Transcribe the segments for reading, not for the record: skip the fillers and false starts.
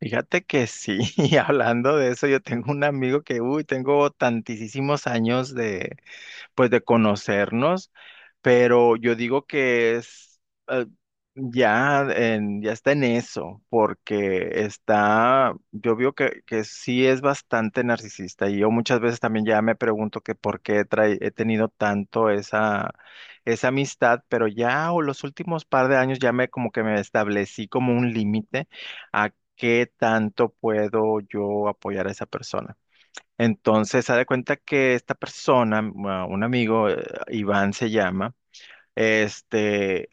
Fíjate que sí, y hablando de eso, yo tengo un amigo que, uy, tengo tantísimos años de, pues de conocernos, pero yo digo que es eh, ya está en eso, porque está, yo veo que sí es bastante narcisista y yo muchas veces también ya me pregunto que por qué he tenido tanto esa amistad, pero ya o los últimos par de años ya me establecí como un límite a qué tanto puedo yo apoyar a esa persona. Entonces, haz de cuenta que esta persona, un amigo, Iván se llama, este,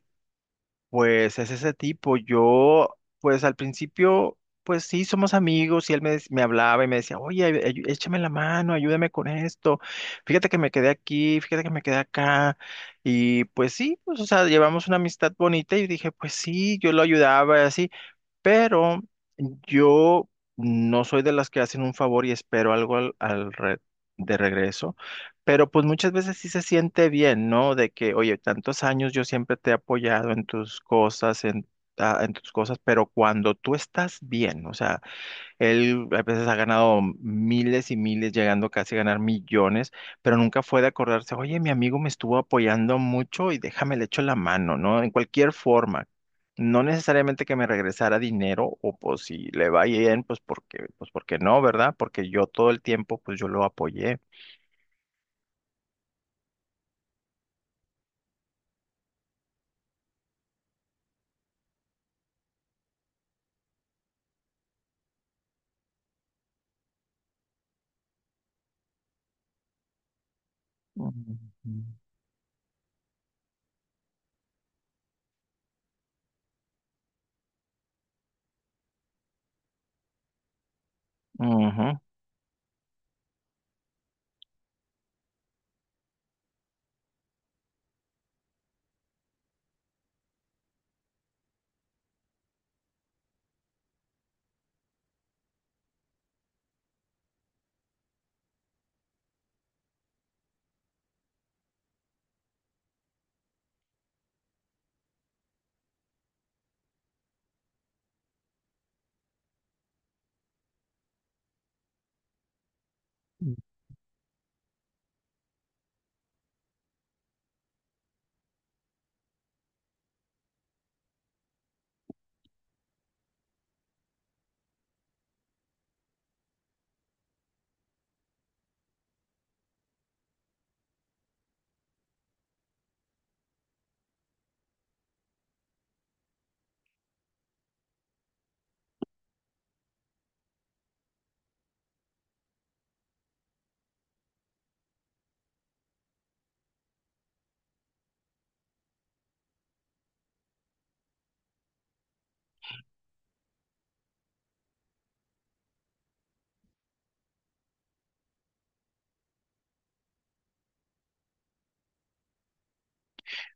pues es ese tipo. Yo, pues al principio, pues sí, somos amigos y él me hablaba y me decía, oye, échame la mano, ayúdame con esto. Fíjate que me quedé aquí, fíjate que me quedé acá. Y pues sí, pues, o sea, llevamos una amistad bonita y dije, pues sí, yo lo ayudaba así. Pero yo no soy de las que hacen un favor y espero algo al de regreso. Pero pues muchas veces sí se siente bien, ¿no? De que, oye, tantos años yo siempre te he apoyado en tus cosas, en tus cosas, pero cuando tú estás bien, o sea, él a veces ha ganado miles y miles, llegando casi a ganar millones, pero nunca fue de acordarse, oye, mi amigo me estuvo apoyando mucho y déjame le echo la mano, ¿no? En cualquier forma. No necesariamente que me regresara dinero o pues si le va bien, pues porque no, ¿verdad? Porque yo todo el tiempo, pues yo lo apoyé. Ujú. Ujú.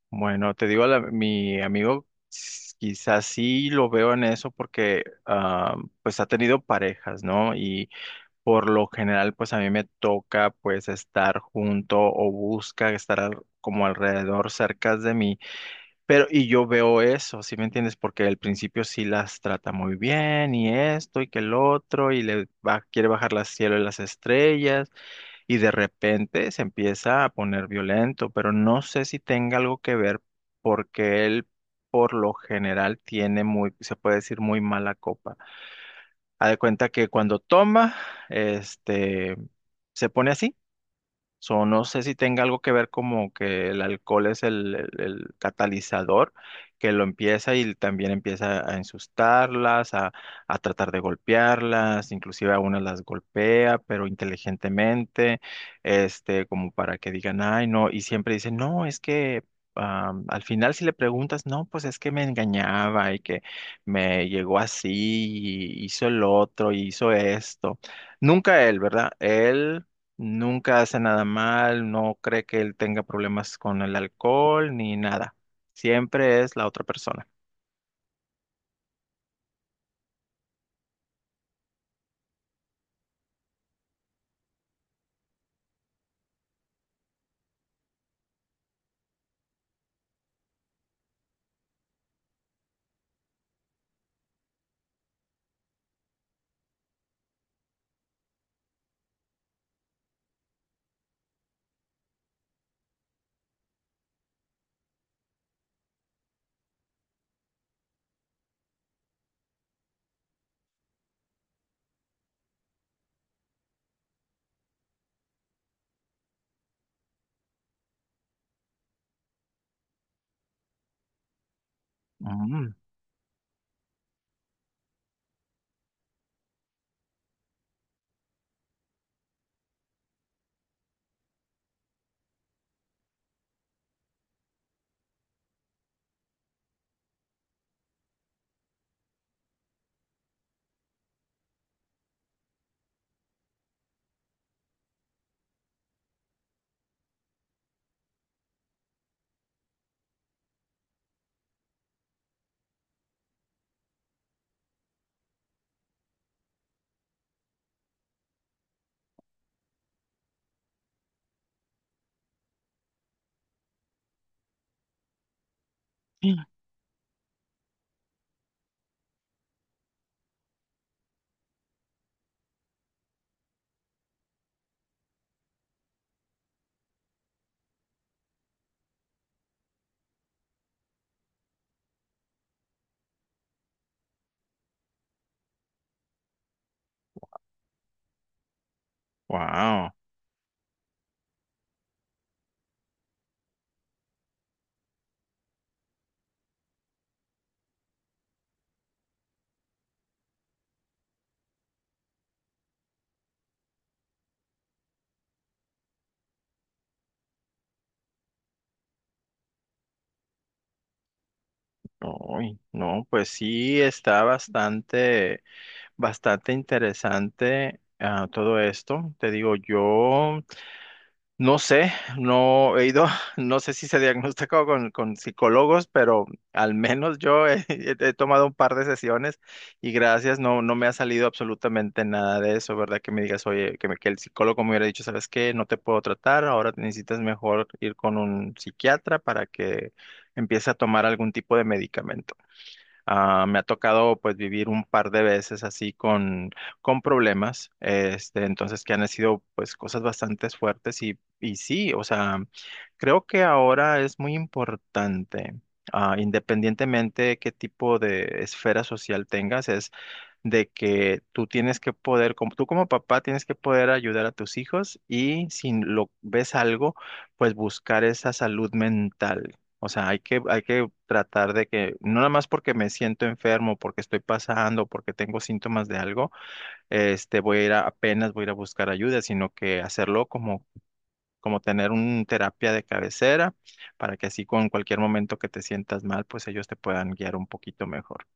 Bueno, te digo, mi amigo quizás sí lo veo en eso porque pues ha tenido parejas, ¿no? Y por lo general, pues a mí me toca pues estar junto o busca estar como alrededor, cerca de mí. Pero, y yo veo eso, ¿sí me entiendes? Porque al principio sí las trata muy bien y esto y que el otro y quiere bajar las cielo y las estrellas y de repente se empieza a poner violento, pero no sé si tenga algo que ver porque él por lo general tiene muy, se puede decir muy mala copa. Haz de cuenta que cuando toma, este, se pone así. So, no sé si tenga algo que ver como que el alcohol es el catalizador que lo empieza y también empieza a ensustarlas, a tratar de golpearlas, inclusive a unas las golpea, pero inteligentemente, como para que digan, ay, no, y siempre dicen, no, es que al final si le preguntas, no, pues es que me engañaba y que me llegó así y hizo el otro y hizo esto. Nunca él, ¿verdad? Él nunca hace nada mal, no cree que él tenga problemas con el alcohol ni nada. Siempre es la otra persona. Mm. Wow. Uy, no, pues sí está bastante, bastante interesante todo esto. Te digo, yo no sé, no he ido, no sé si se diagnosticó con psicólogos, pero al menos yo he tomado un par de sesiones y gracias, no, no me ha salido absolutamente nada de eso, ¿verdad? Que me digas, oye, que el psicólogo me hubiera dicho, ¿sabes qué? No te puedo tratar, ahora necesitas mejor ir con un psiquiatra para que empiece a tomar algún tipo de medicamento. Ah, me ha tocado pues vivir un par de veces así con problemas, entonces que han sido pues cosas bastante fuertes y sí, o sea, creo que ahora es muy importante, independientemente de qué tipo de esfera social tengas, de que tú tienes que poder, como, tú como papá tienes que poder ayudar a tus hijos y si lo ves algo, pues buscar esa salud mental. O sea, hay que tratar de que, no nada más porque me siento enfermo, porque estoy pasando, porque tengo síntomas de algo, voy a apenas voy a ir a buscar ayuda, sino que hacerlo como, como tener una terapia de cabecera para que así con cualquier momento que te sientas mal, pues ellos te puedan guiar un poquito mejor.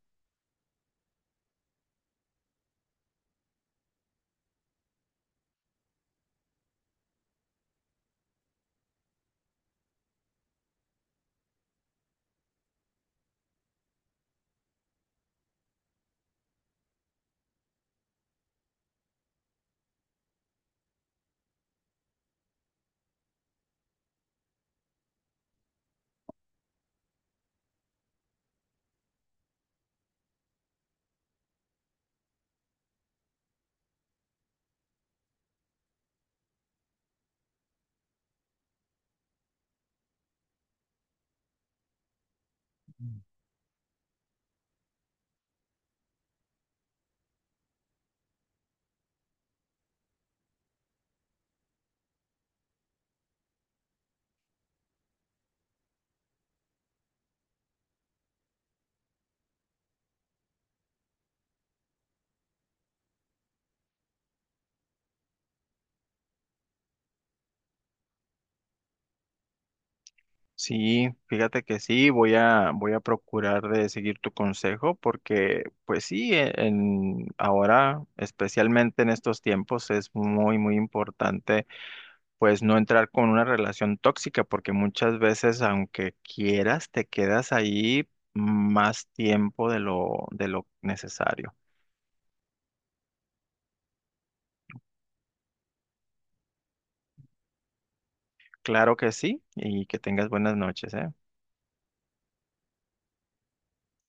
Sí, fíjate que sí, voy a, voy a procurar de seguir tu consejo porque, pues sí, en, ahora, especialmente en estos tiempos, es muy, muy importante, pues no entrar con una relación tóxica porque muchas veces, aunque quieras, te quedas ahí más tiempo de lo necesario. Claro que sí, y que tengas buenas noches, ¿eh?